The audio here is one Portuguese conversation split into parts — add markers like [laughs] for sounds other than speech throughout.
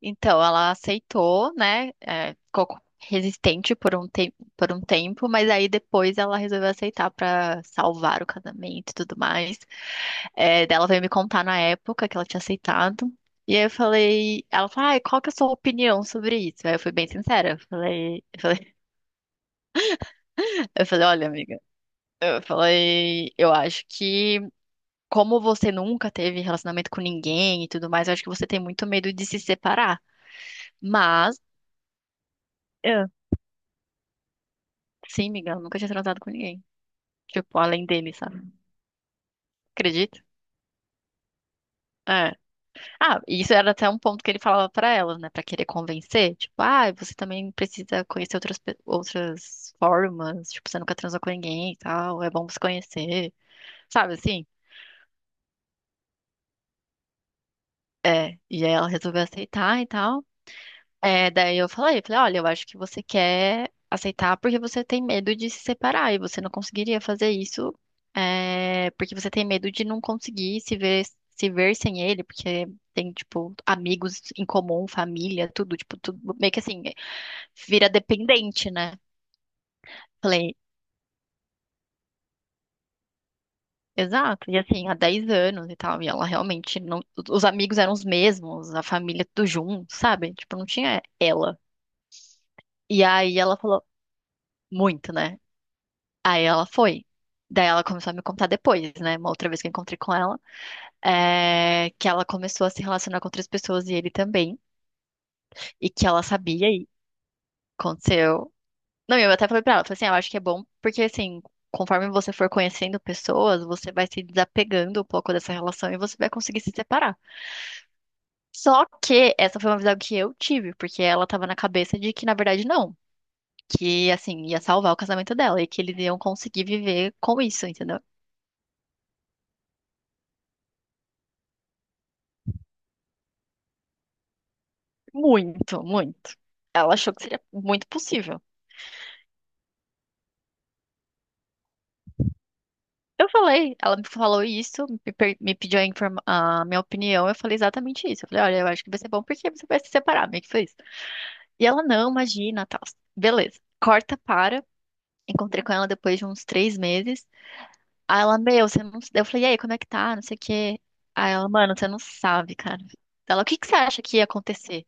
Então, ela aceitou, né? Ficou resistente por um tempo, mas aí depois ela resolveu aceitar pra salvar o casamento e tudo mais. Daí ela veio me contar na época que ela tinha aceitado. E aí ela falou, ai, qual que é a sua opinião sobre isso? Aí eu fui bem sincera, eu falei, [laughs] eu falei, olha, amiga, eu falei, eu acho que como você nunca teve relacionamento com ninguém e tudo mais, eu acho que você tem muito medo de se separar. Mas. Sim, Miguel, nunca tinha transado com ninguém. Tipo, além dele, sabe? Acredito. É. Ah, e isso era até um ponto que ele falava pra ela, né? Pra querer convencer. Tipo, ah, você também precisa conhecer outras formas. Tipo, você nunca transou com ninguém e tal. É bom você conhecer. Sabe assim? É. E aí ela resolveu aceitar e tal. Daí eu falei, olha, eu acho que você quer aceitar porque você tem medo de se separar e você não conseguiria fazer isso, porque você tem medo de não conseguir se ver sem ele, porque tem, tipo, amigos em comum, família, tudo, tipo, tudo meio que assim, vira dependente, né? Falei, exato, e assim, há 10 anos e tal, e ela realmente não, os amigos eram os mesmos, a família tudo junto, sabe? Tipo, não tinha ela. E aí ela falou muito, né? Aí ela foi. Daí ela começou a me contar depois, né? Uma outra vez que eu encontrei com ela, que ela começou a se relacionar com outras pessoas e ele também, e que ela sabia e aconteceu. Não, e eu até falei pra ela, falei assim, "Ah, eu acho que é bom, porque assim, conforme você for conhecendo pessoas, você vai se desapegando um pouco dessa relação e você vai conseguir se separar". Só que essa foi uma visão que eu tive, porque ela tava na cabeça de que, na verdade, não. Que, assim, ia salvar o casamento dela e que eles iam conseguir viver com isso, entendeu? Muito, muito. Ela achou que seria muito possível. Eu falei, ela me falou isso, me pediu a minha opinião, eu falei exatamente isso. Eu falei, olha, eu acho que vai ser bom porque você vai se separar, meio que foi isso. E ela, não, imagina, tal. Beleza. Corta, para. Encontrei com ela depois de uns 3 meses. Aí ela, meu, você não. Eu falei, e aí, como é que tá? Não sei o quê. Aí ela, mano, você não sabe, cara. Ela, o que que você acha que ia acontecer?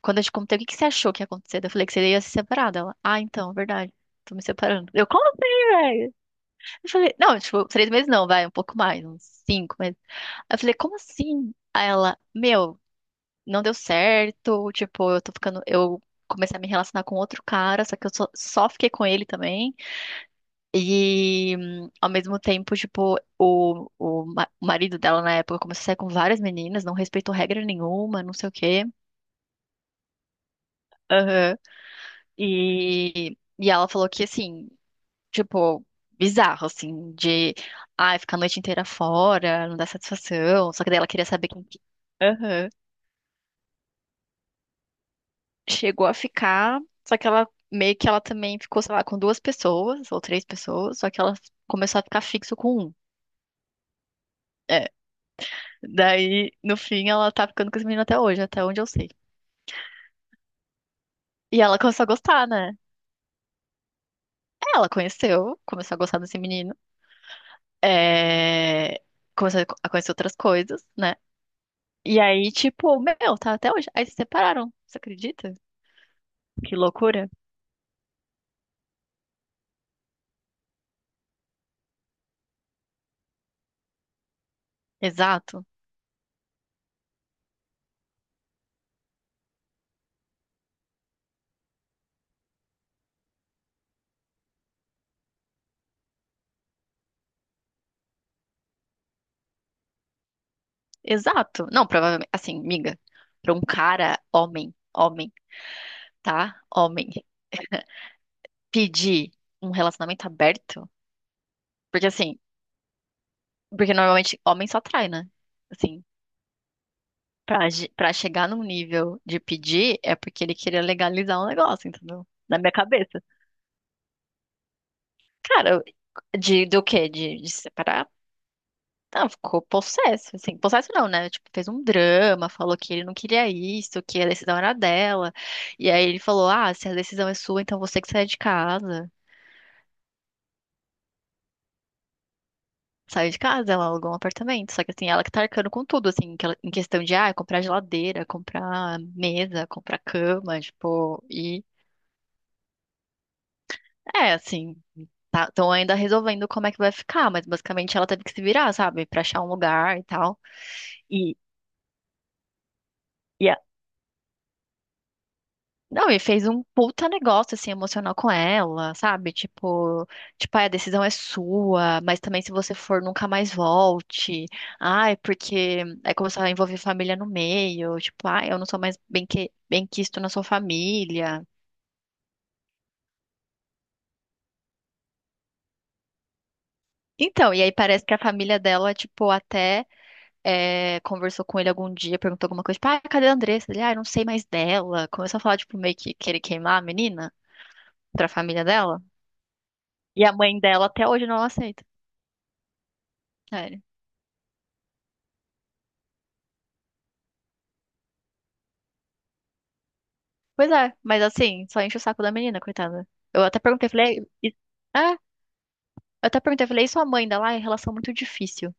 Quando eu te contei o que que você achou que ia acontecer, eu falei que você ia se separar dela. Ah, então, verdade. Tô me separando. Eu, como assim, velho? Eu falei, não, tipo, 3 meses não, vai, um pouco mais, uns 5 meses. Aí eu falei, como assim? Aí ela, meu, não deu certo, tipo, eu comecei a me relacionar com outro cara, só que eu só fiquei com ele também. E, ao mesmo tempo, tipo, o marido dela na época começou a sair com várias meninas, não respeitou regra nenhuma, não sei o quê. Aham. E ela falou que, assim, tipo, bizarro, assim, de, ai, ficar a noite inteira fora, não dá satisfação. Só que daí ela queria saber quem que. Aham. Chegou a ficar. Só que ela, meio que ela também ficou, sei lá, com duas pessoas ou três pessoas, só que ela começou a ficar fixo com um. É. Daí, no fim, ela tá ficando com esse menino até hoje, até onde eu sei. E ela começou a gostar, né? É, ela conheceu, começou a gostar desse menino. É... Começou a conhecer outras coisas, né? E aí, tipo, meu, tá até hoje. Aí se separaram, você acredita? Que loucura. Exato. Exato. Não, provavelmente, assim, miga, pra um cara, homem, homem, tá? Homem, pedir um relacionamento aberto, porque assim, porque normalmente homem só trai, né? Assim, pra chegar num nível de pedir, é porque ele queria legalizar um negócio, entendeu? Na minha cabeça. Cara, eu- do quê? De separar? Não, ficou possesso, assim, possesso não, né? Tipo, fez um drama, falou que ele não queria isso, que a decisão era dela. E aí ele falou: "Ah, se a decisão é sua, então você que sai de casa". Saiu de casa, ela alugou um apartamento, só que assim, ela que tá arcando com tudo, assim, que ela- em questão de, ah, comprar geladeira, comprar mesa, comprar cama, tipo, e assim, tá, estão ainda resolvendo como é que vai ficar, mas basicamente ela teve que se virar, sabe, pra achar um lugar e tal. E e não, e fez um puta negócio, assim, emocional com ela, sabe? Tipo, "Ai, a decisão é sua, mas também se você for, nunca mais volte. Ai, porque aí começou a envolver família no meio, tipo, ai, eu não sou mais bem quisto na sua família". Então, e aí parece que a família dela, tipo, até conversou com ele algum dia, perguntou alguma coisa, tipo, ai, cadê a Andressa? Ele, ah, eu não sei mais dela. Começou a falar, tipo, meio que querer queimar a menina pra família dela. E a mãe dela até hoje não aceita. É, pois é, mas assim, só enche o saco da menina, coitada. Eu até perguntei, falei, é, eu e sua mãe ainda lá?" É relação muito difícil,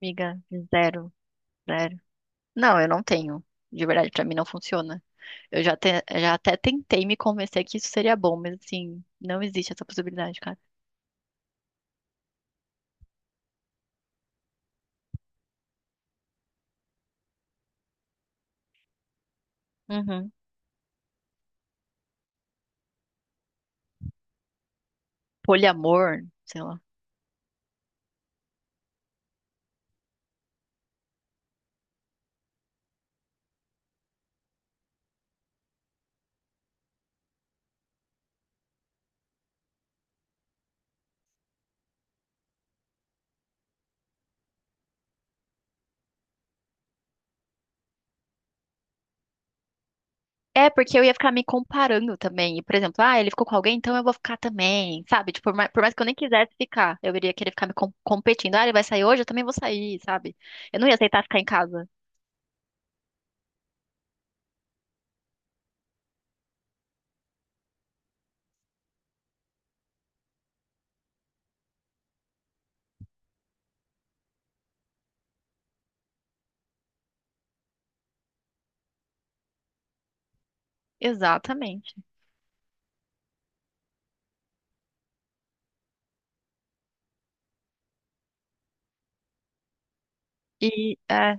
amiga. Zero, zero. Não, eu não tenho. De verdade, pra mim não funciona. Eu já até tentei me convencer que isso seria bom, mas assim, não existe essa possibilidade, cara. Uhum. Poliamor, sei lá. É, porque eu ia ficar me comparando também. E, por exemplo, ah, ele ficou com alguém, então eu vou ficar também, sabe? Tipo, por mais que eu nem quisesse ficar, eu iria querer ficar me competindo. Ah, ele vai sair hoje, eu também vou sair, sabe? Eu não ia aceitar ficar em casa. Exatamente. E,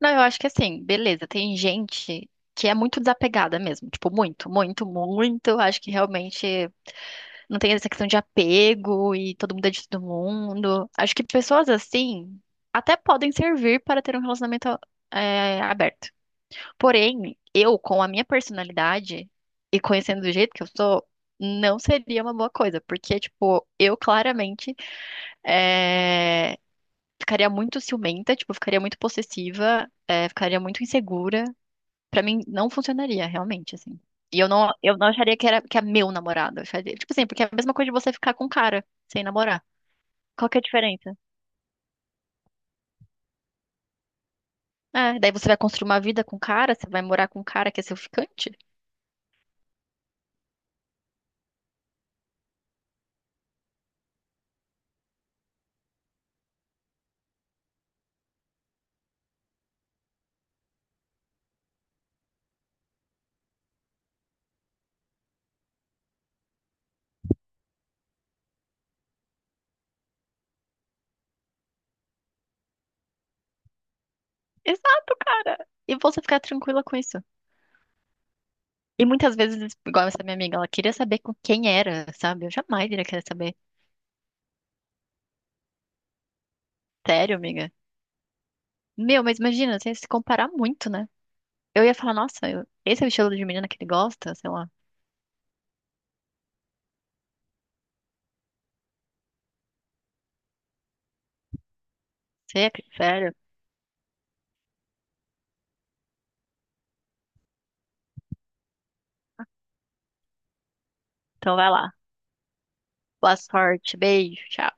não, eu acho que assim, beleza, tem gente que é muito desapegada mesmo. Tipo, muito, muito, muito. Acho que realmente não tem essa questão de apego e todo mundo é de todo mundo. Acho que pessoas assim até podem servir para ter um relacionamento, aberto. Porém, eu, com a minha personalidade e conhecendo do jeito que eu sou, não seria uma boa coisa, porque, tipo, eu claramente é, ficaria muito ciumenta, tipo, ficaria muito possessiva, ficaria muito insegura. Pra mim, não funcionaria, realmente, assim. E eu não acharia que era, que é meu namorado. Eu acharia- tipo assim, porque é a mesma coisa de você ficar com um cara sem namorar. Qual que é a diferença? É, daí você vai construir uma vida com um cara, você vai morar com um cara que é seu ficante? Exato, cara! E você ficar tranquila com isso. E muitas vezes, igual essa minha amiga, ela queria saber com quem era, sabe? Eu jamais iria querer saber. Sério, amiga? Meu, mas imagina, você ia se comparar muito, né? Eu ia falar, nossa, eu- esse é o estilo de menina que ele gosta, sei lá. Você é que- sério? Então vai lá. Boa sorte, beijo, tchau.